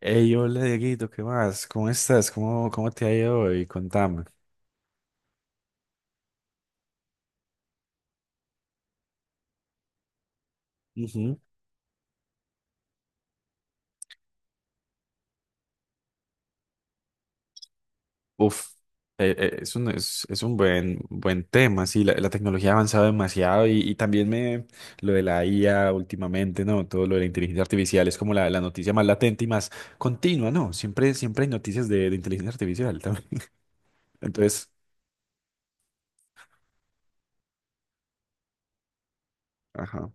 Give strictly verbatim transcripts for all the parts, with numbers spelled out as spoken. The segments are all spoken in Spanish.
Hey, hola Dieguito, ¿qué más? ¿Cómo estás? ¿Cómo, cómo te ha ido hoy? Contame. Ujú. Uf, eh, eh, es un, es, es un buen, buen tema, sí, la, la tecnología ha avanzado demasiado y, y también me, lo de la I A últimamente, ¿no? Todo lo de la inteligencia artificial es como la, la noticia más latente y más continua, ¿no? Siempre, siempre hay noticias de, de inteligencia artificial también. Entonces, ajá,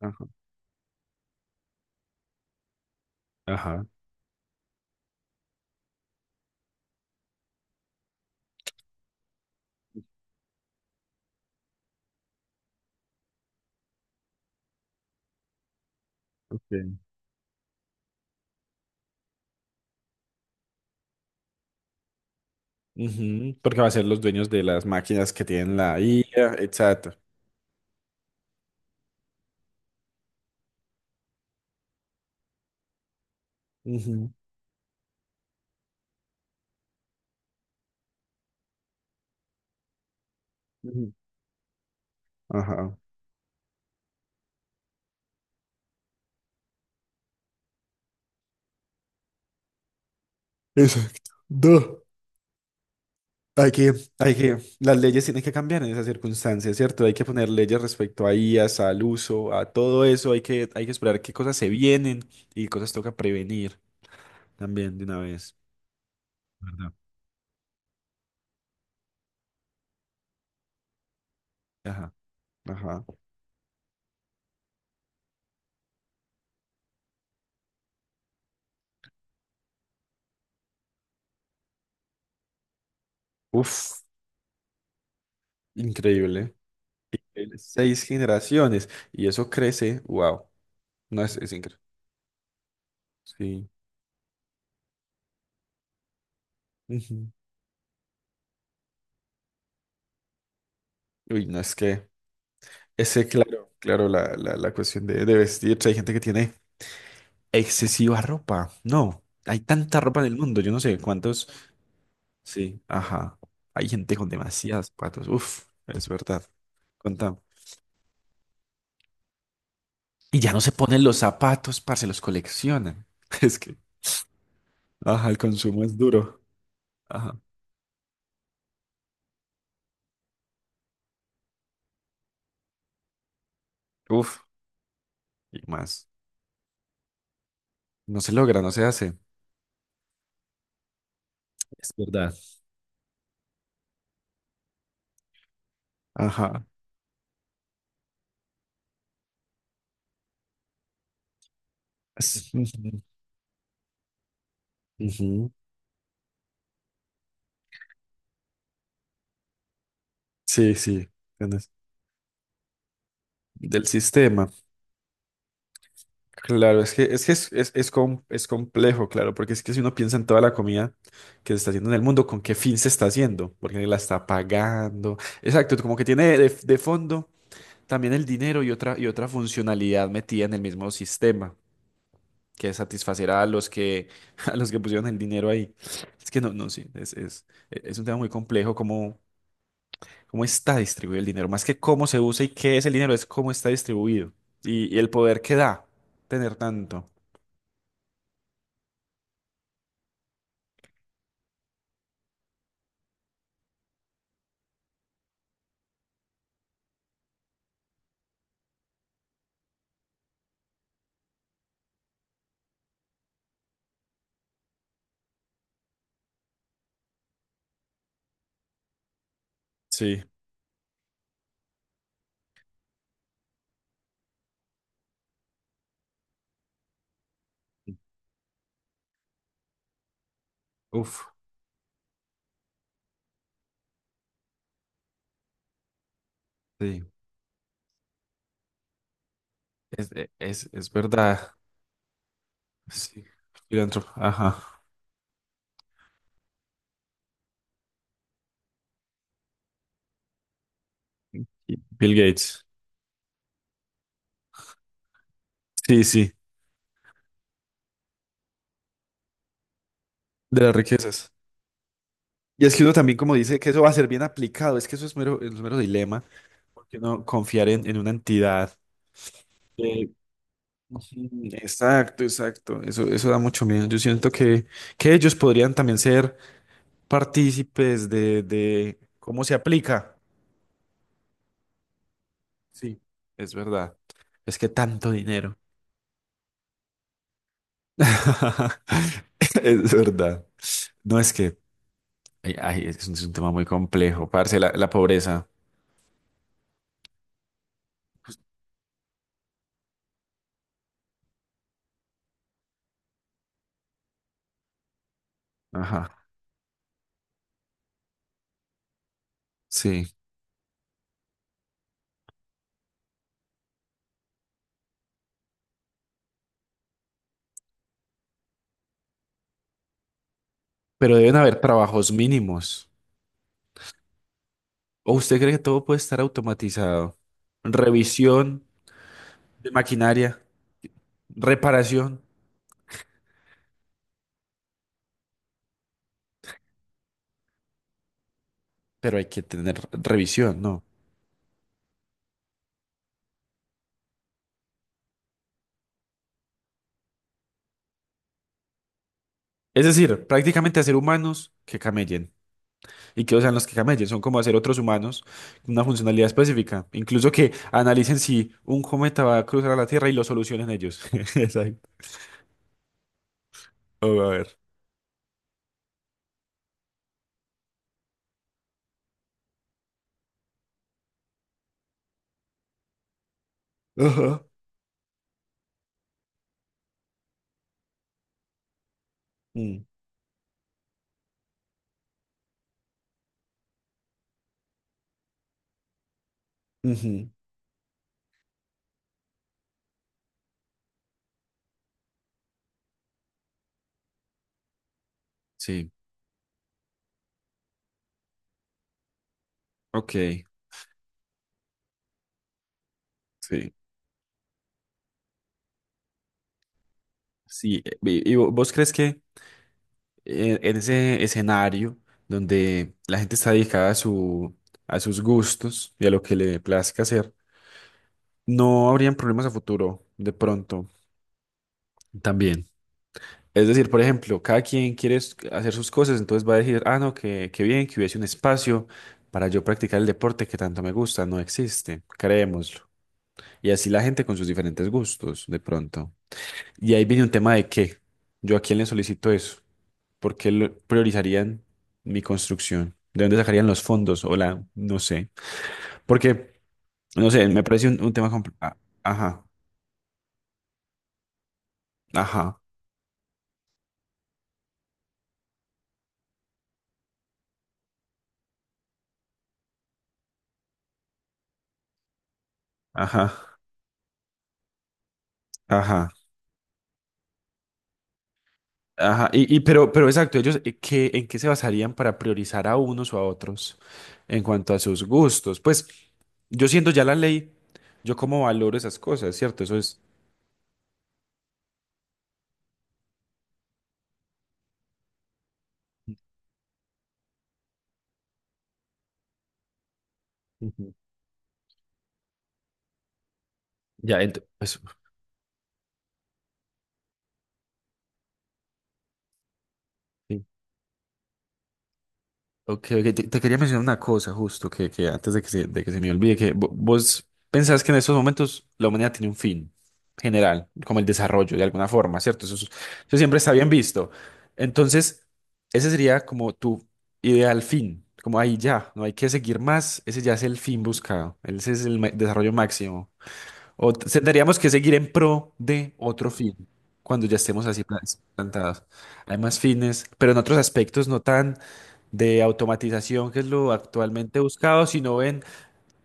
ajá, ajá. Okay. Ujú, porque va a ser los dueños de las máquinas que tienen la I A, exacto. Ujú, ujú. Ajá. Exacto. No. Hay que, hay que, las leyes tienen que cambiar en esas circunstancias, ¿cierto? Hay que poner leyes respecto a I As, al uso, a todo eso. Hay que, hay que esperar qué cosas se vienen y cosas toca prevenir también de una vez, ¿verdad? Ajá, ajá. Uf, increíble. Increíble. Seis generaciones y eso crece, wow. No es, es increíble. Sí. Ujú. Uy, no es que, ese, claro, claro, la, la, la cuestión de, de vestirse. Hay gente que tiene excesiva ropa. No, hay tanta ropa en el mundo. Yo no sé cuántos. Sí, ajá. Hay gente con demasiados zapatos. Uf, es verdad. Contamos. Y ya no se ponen los zapatos, parce, los coleccionan. Es que, ajá, el consumo es duro. Ajá. Uf, y más. No se logra, no se hace. Es verdad. Ajá. Es- ujú, ujú. Sí, sí. tienes- Del sistema. Claro, es que es, que es, es, es com- es complejo, claro, porque es que si uno piensa en toda la comida que se está haciendo en el mundo, ¿con qué fin se está haciendo? ¿Por qué la está pagando? Exacto, como que tiene de, de fondo también el dinero y otra, y otra funcionalidad metida en el mismo sistema, que es satisfacer a los que, a los que pusieron el dinero ahí. Es que no, no, sí, es, es, es un tema muy complejo, cómo, cómo está distribuido el dinero, más que cómo se usa y qué es el dinero, es cómo está distribuido y, y el poder que da tener tanto. Sí. Uf, sí, es, e- es, es verdad. Sí, filántropo, ajá. Y Bill Gates. Sí, sí, de las riquezas. Y es que uno también, como dice, que eso va a ser bien aplicado, es que eso es mero, es mero dilema, porque no confiar en, en una entidad. que- Ujú, exacto, exacto. Eso, eso da mucho miedo. Yo siento que, que ellos podrían también ser partícipes de, de cómo se aplica. Sí, es verdad. Es que tanto dinero. Es verdad. No es que, ay, ay, es un, es un tema muy complejo, parce, la, la pobreza. Ajá, sí. Pero deben haber trabajos mínimos. ¿O usted cree que todo puede estar automatizado? Revisión de maquinaria, reparación, pero hay que tener revisión, ¿no? Es decir, prácticamente hacer humanos que camellen. Y que usan los que cacamayes, son como hacer otros humanos con una funcionalidad específica. Incluso que analicen si un cometa va a cruzar a la Tierra y lo solucionen ellos. Exacto. Oh, a ver. Ajá. Mm, ujú. Sí, ok, sí. Sí, eh, y, y vo- vos crees que eh, en ese escenario donde la gente está dedicada a su, a sus gustos y a lo que le plazca hacer, no habrían problemas a futuro, de pronto, también. Es decir, por ejemplo, cada quien quiere s- hacer sus cosas, entonces va a decir, ah, no, que, que bien, que hubiese un espacio para yo practicar el deporte que tanto me gusta. No existe, creémoslo. Y así la gente con sus diferentes gustos, de pronto. Y ahí viene un tema de qué. ¿Yo a quién le solicito eso? ¿Por qué lo- priorizarían mi construcción? ¿De dónde sacarían los fondos? O la, no sé. Porque, no sé, me parece un, un tema compl- a- Ajá, ajá, ajá, ajá. Ajá, y, y pero, pero exacto, ellos eh, ¿qué, en qué se basarían para priorizar a unos o a otros en cuanto a sus gustos? Pues yo siento ya la ley, yo cómo valoro esas cosas, ¿cierto? Eso es. Ujú. Ya ent- pues, ok, ok, Te, te quería mencionar una cosa justo, que, que antes de que se, de que se me olvide, que vo- vos pensás que en estos momentos la humanidad tiene un fin general, como el desarrollo de alguna forma, ¿cierto? Eso, es- eso siempre está bien visto. Entonces, ese sería como tu ideal fin, como ahí ya, no hay que seguir más, ese ya es el fin buscado, ese es el ma- desarrollo máximo. O t- tendríamos que seguir en pro de otro fin cuando ya estemos así pla- plantados. Hay más fines, pero en otros aspectos no tan de automatización, que es lo actualmente buscado, sino en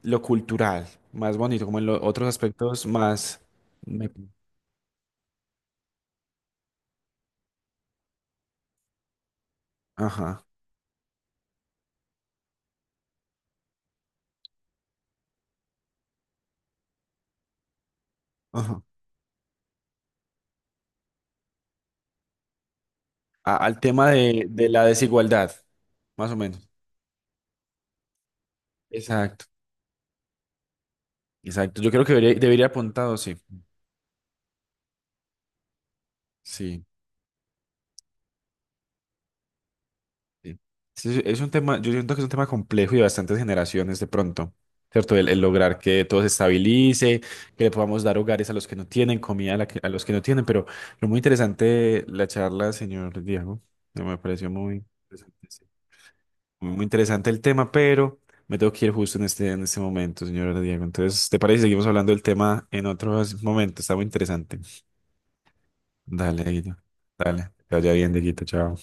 lo cultural, más bonito, como en los otros aspectos más... me- Ajá, ajá. A- al tema de, de la desigualdad, más o menos. Exacto, exacto. Yo creo que debería, debería apuntado, sí. Sí. Sí. Sí, sí, es un tema, yo siento que es un tema complejo y de bastantes generaciones de pronto, ¿cierto? El, el lograr que todo se estabilice, que le podamos dar hogares a los que no tienen, comida a, la que- a los que no tienen, pero lo muy interesante la charla, señor Diego, me me pareció muy interesante, sí. Muy, muy interesante el tema, pero me tengo que ir justo en este, en este momento, señor Diego. Entonces, ¿te parece? Si seguimos hablando del tema en otros momentos, está muy interesante. Dale, Dieguito. Dale, que vaya bien, Dieguito, chao.